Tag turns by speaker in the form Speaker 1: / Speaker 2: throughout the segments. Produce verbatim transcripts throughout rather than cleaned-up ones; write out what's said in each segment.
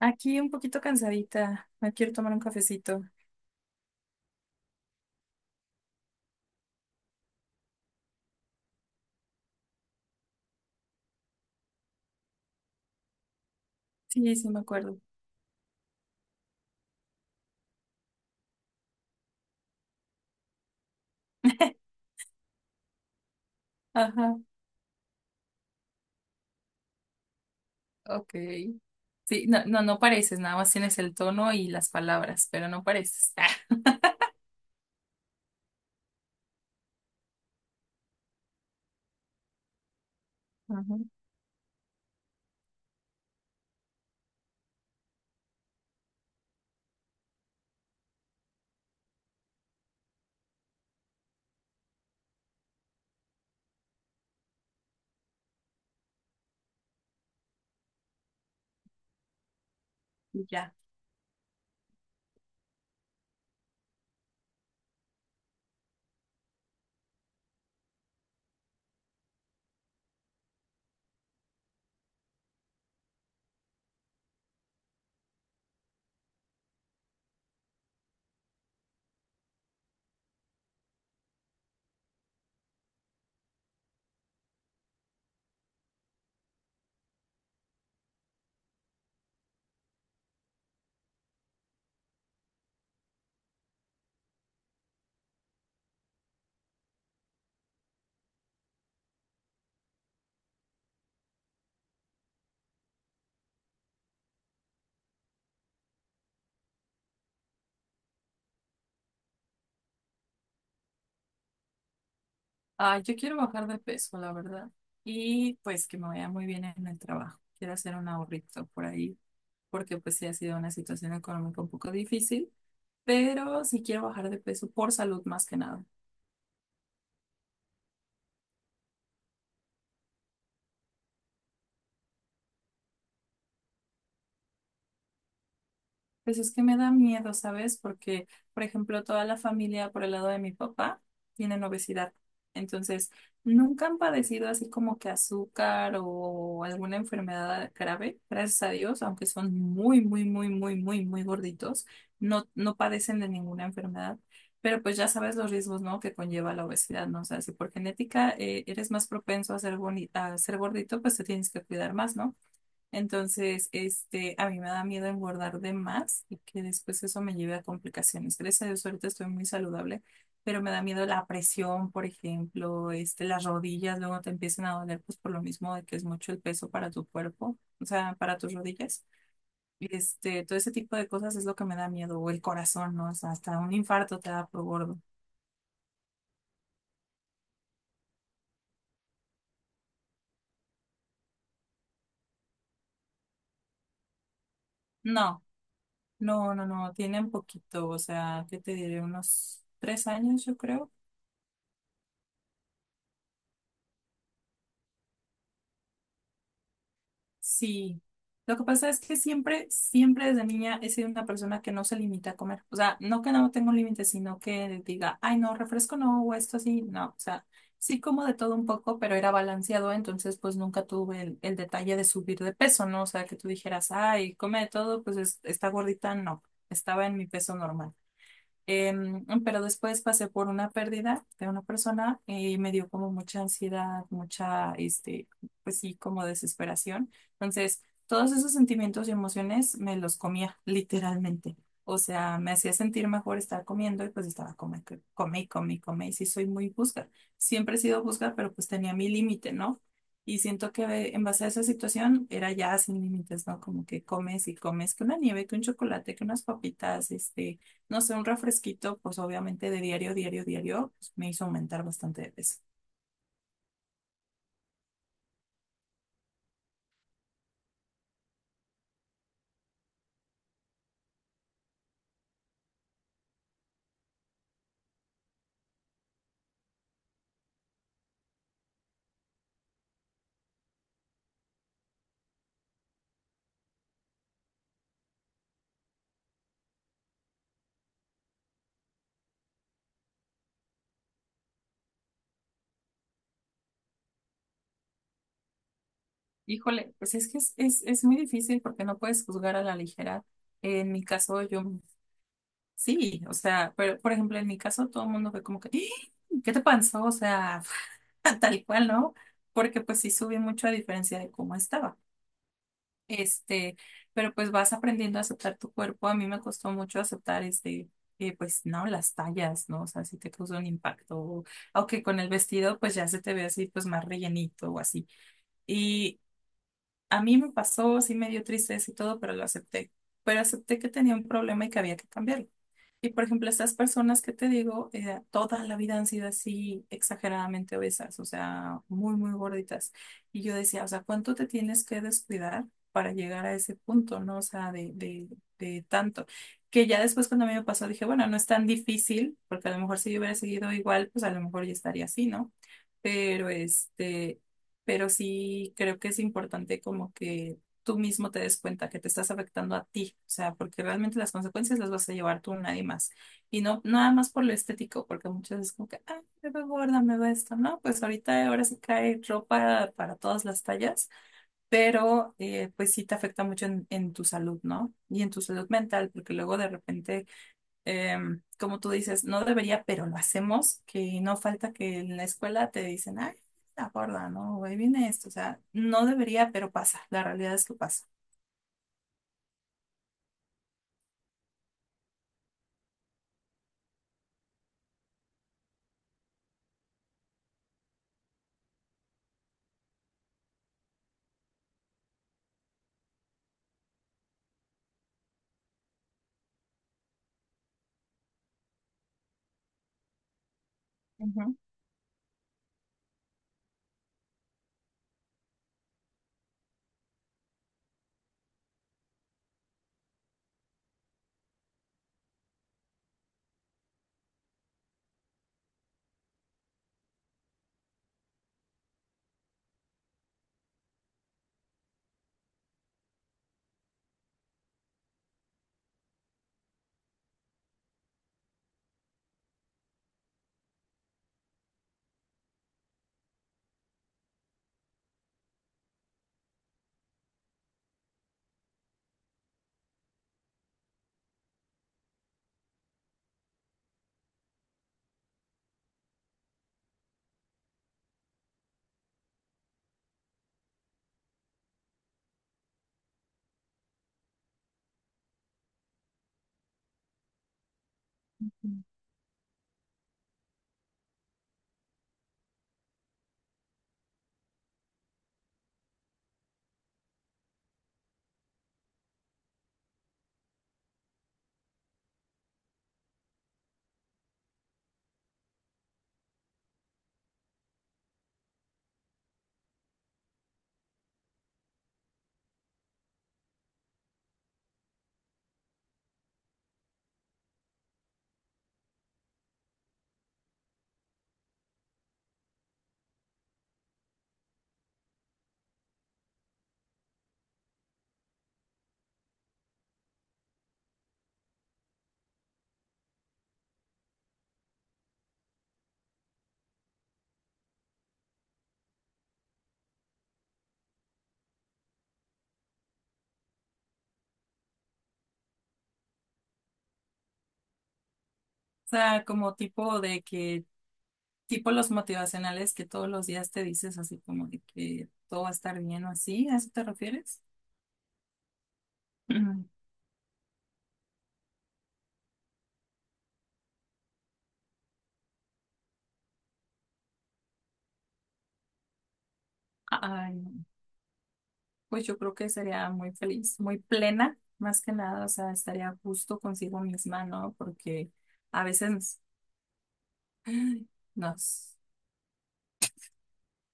Speaker 1: Aquí un poquito cansadita. Me quiero tomar un cafecito. Sí, sí, me acuerdo. Ajá, ok. Sí, no, no, no pareces, nada más tienes el tono y las palabras, pero no pareces. Ah, ajá, y ya. Ah, yo quiero bajar de peso, la verdad. Y pues que me vaya muy bien en el trabajo. Quiero hacer un ahorrito por ahí, porque pues sí ha sido una situación económica un poco difícil, pero sí quiero bajar de peso por salud más que nada. Pues es que me da miedo, ¿sabes? Porque, por ejemplo, toda la familia por el lado de mi papá tienen obesidad. Entonces, nunca han padecido así como que azúcar o alguna enfermedad grave, gracias a Dios, aunque son muy, muy, muy, muy, muy, muy gorditos, no, no padecen de ninguna enfermedad. Pero pues ya sabes los riesgos, ¿no? Que conlleva la obesidad, ¿no? O sea, si por genética eh, eres más propenso a ser boni- a ser gordito, pues te tienes que cuidar más, ¿no? Entonces, este, a mí me da miedo engordar de más y que después eso me lleve a complicaciones. Gracias a Dios, ahorita estoy muy saludable, pero me da miedo la presión, por ejemplo, este, las rodillas luego te empiezan a doler, pues por lo mismo de que es mucho el peso para tu cuerpo, o sea, para tus rodillas. Y, Este, todo ese tipo de cosas es lo que me da miedo, o el corazón, ¿no? O sea, hasta un infarto te da por gordo. No, no, no, no, tienen poquito, o sea, ¿qué te diré? Unos tres años, yo creo. Sí, lo que pasa es que siempre, siempre desde niña he sido una persona que no se limita a comer. O sea, no que no tengo límites, sino que diga, ay, no, refresco no, o esto así, no. O sea, sí como de todo un poco, pero era balanceado, entonces pues nunca tuve el, el detalle de subir de peso, ¿no? O sea, que tú dijeras, ay, come de todo, pues es- está gordita, no, estaba en mi peso normal. Em, pero después pasé por una pérdida de una persona y me dio como mucha ansiedad, mucha, este, pues sí, como desesperación. Entonces, todos esos sentimientos y emociones me los comía, literalmente. O sea, me hacía sentir mejor estar comiendo y pues estaba come, que- come y come y come. Y sí, soy muy busca. Siempre he sido busca, pero pues tenía mi límite, ¿no? Y siento que en base a esa situación era ya sin límites, ¿no? Como que comes y comes que una nieve, que un chocolate, que unas papitas, este no sé, un refresquito, pues obviamente de diario, diario, diario, pues, me hizo aumentar bastante de peso. Híjole, pues es que es, es, es muy difícil porque no puedes juzgar a la ligera. En mi caso, yo sí, o sea, pero por ejemplo, en mi caso todo el mundo fue como que, "¡Ah! ¿qué te pasó? O sea, tal cual, ¿no? Porque pues sí subí mucho a diferencia de cómo estaba. Este, pero pues vas aprendiendo a aceptar tu cuerpo. A mí me costó mucho aceptar este, eh, pues no, las tallas, ¿no? O sea, si te causó un impacto, o- aunque con el vestido pues ya se te ve así pues más rellenito o así. Y a mí me pasó, sí me dio tristeza y todo, pero lo acepté. Pero acepté que tenía un problema y que había que cambiarlo. Y por ejemplo, estas personas que te digo, eh, toda la vida han sido así exageradamente obesas, o sea, muy, muy gorditas. Y yo decía, o sea, ¿cuánto te tienes que descuidar para llegar a ese punto, ¿no? O sea, de, de, de tanto. Que ya después cuando a mí me pasó, dije, bueno, no es tan difícil, porque a lo mejor si yo hubiera seguido igual, pues a lo mejor ya estaría así, ¿no? Pero este, pero sí creo que es importante como que tú mismo te des cuenta que te estás afectando a ti, o sea, porque realmente las consecuencias las vas a llevar tú, nadie más. Y no nada más por lo estético, porque muchas veces como que, ah, me veo gorda, me veo esto, ¿no? Pues ahorita ahora sí cae ropa para todas las tallas, pero eh, pues sí te afecta mucho en, en tu salud, ¿no? Y en tu salud mental, porque luego de repente, em, como tú dices, no debería, pero lo hacemos, que no falta que en la escuela te dicen, ay, la gorda, ¿no? Ahí viene esto, o sea, no debería, pero pasa, la realidad es que pasa. Ujú. O sea, como tipo de que, tipo los motivacionales que todos los días te dices así como de que todo va a estar bien o así, ¿a eso te refieres? Mm. Ay, no. Pues yo creo que sería muy feliz, muy plena, más que nada, o sea, estaría justo consigo misma, ¿no? Porque a veces ay, nos,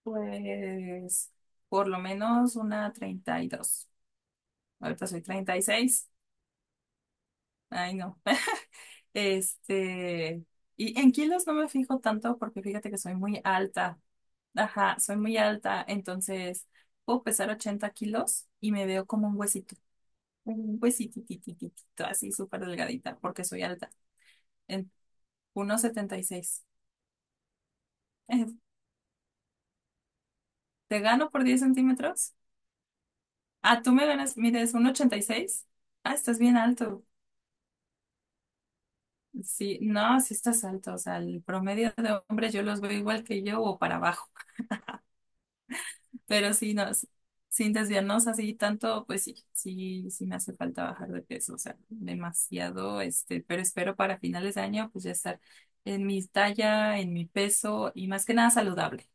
Speaker 1: pues, por lo menos una treinta y dos. Ahorita soy treinta y seis. Ay, no. Este, y en kilos no me fijo tanto porque fíjate que soy muy alta. Ajá, soy muy alta, entonces puedo pesar ochenta kilos y me veo como un huesito, un huesititititito, así súper delgadita porque soy alta, en uno setenta y seis. Eh, ¿Te gano por diez centímetros? Ah, tú me ganas, mides uno ochenta y seis. Ah, estás bien alto. Sí, no, sí estás alto, o sea, el promedio de hombres yo los veo igual que yo o para abajo. Pero sí, no, s- sin desviarnos así tanto, pues sí, sí, sí me hace falta bajar de peso, o sea, demasiado, este, pero espero para finales de año pues ya estar en mi talla, en mi peso y más que nada saludable.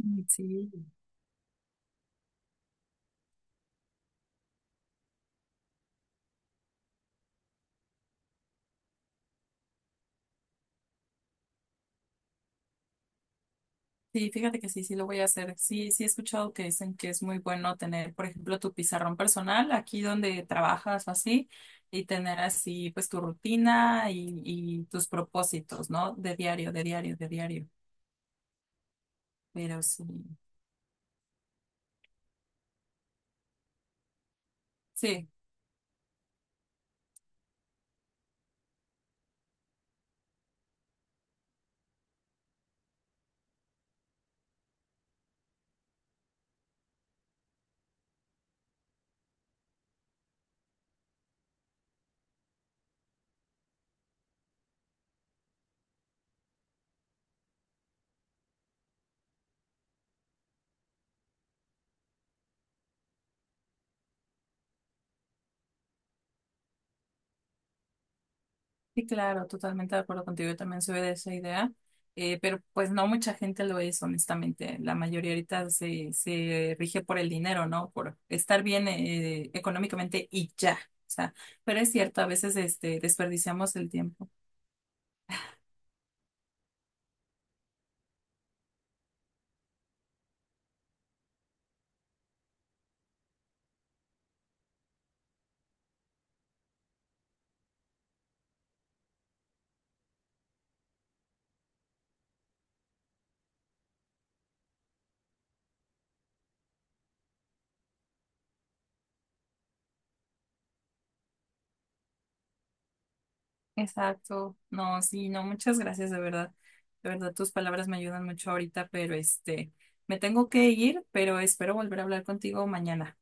Speaker 1: Mm, sí, sí, fíjate que sí, sí lo voy a hacer. Sí, sí he escuchado que dicen que es muy bueno tener, por ejemplo, tu pizarrón personal aquí donde trabajas o así, y tener así pues tu rutina y, y tus propósitos, ¿no? De diario, de diario, de diario. Pero sí. Sí, sí, claro, totalmente de acuerdo contigo. Yo también soy de esa idea, eh, pero pues no mucha gente lo es, honestamente. La mayoría ahorita se, se rige por el dinero, ¿no? Por estar bien eh, económicamente y ya. O sea, pero es cierto, a veces este, desperdiciamos el tiempo. Exacto. No, sí, no, muchas gracias, de verdad. De verdad, tus palabras me ayudan mucho ahorita, pero este, me tengo que ir, pero espero volver a hablar contigo mañana.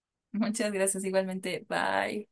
Speaker 1: Muchas gracias, igualmente. Bye.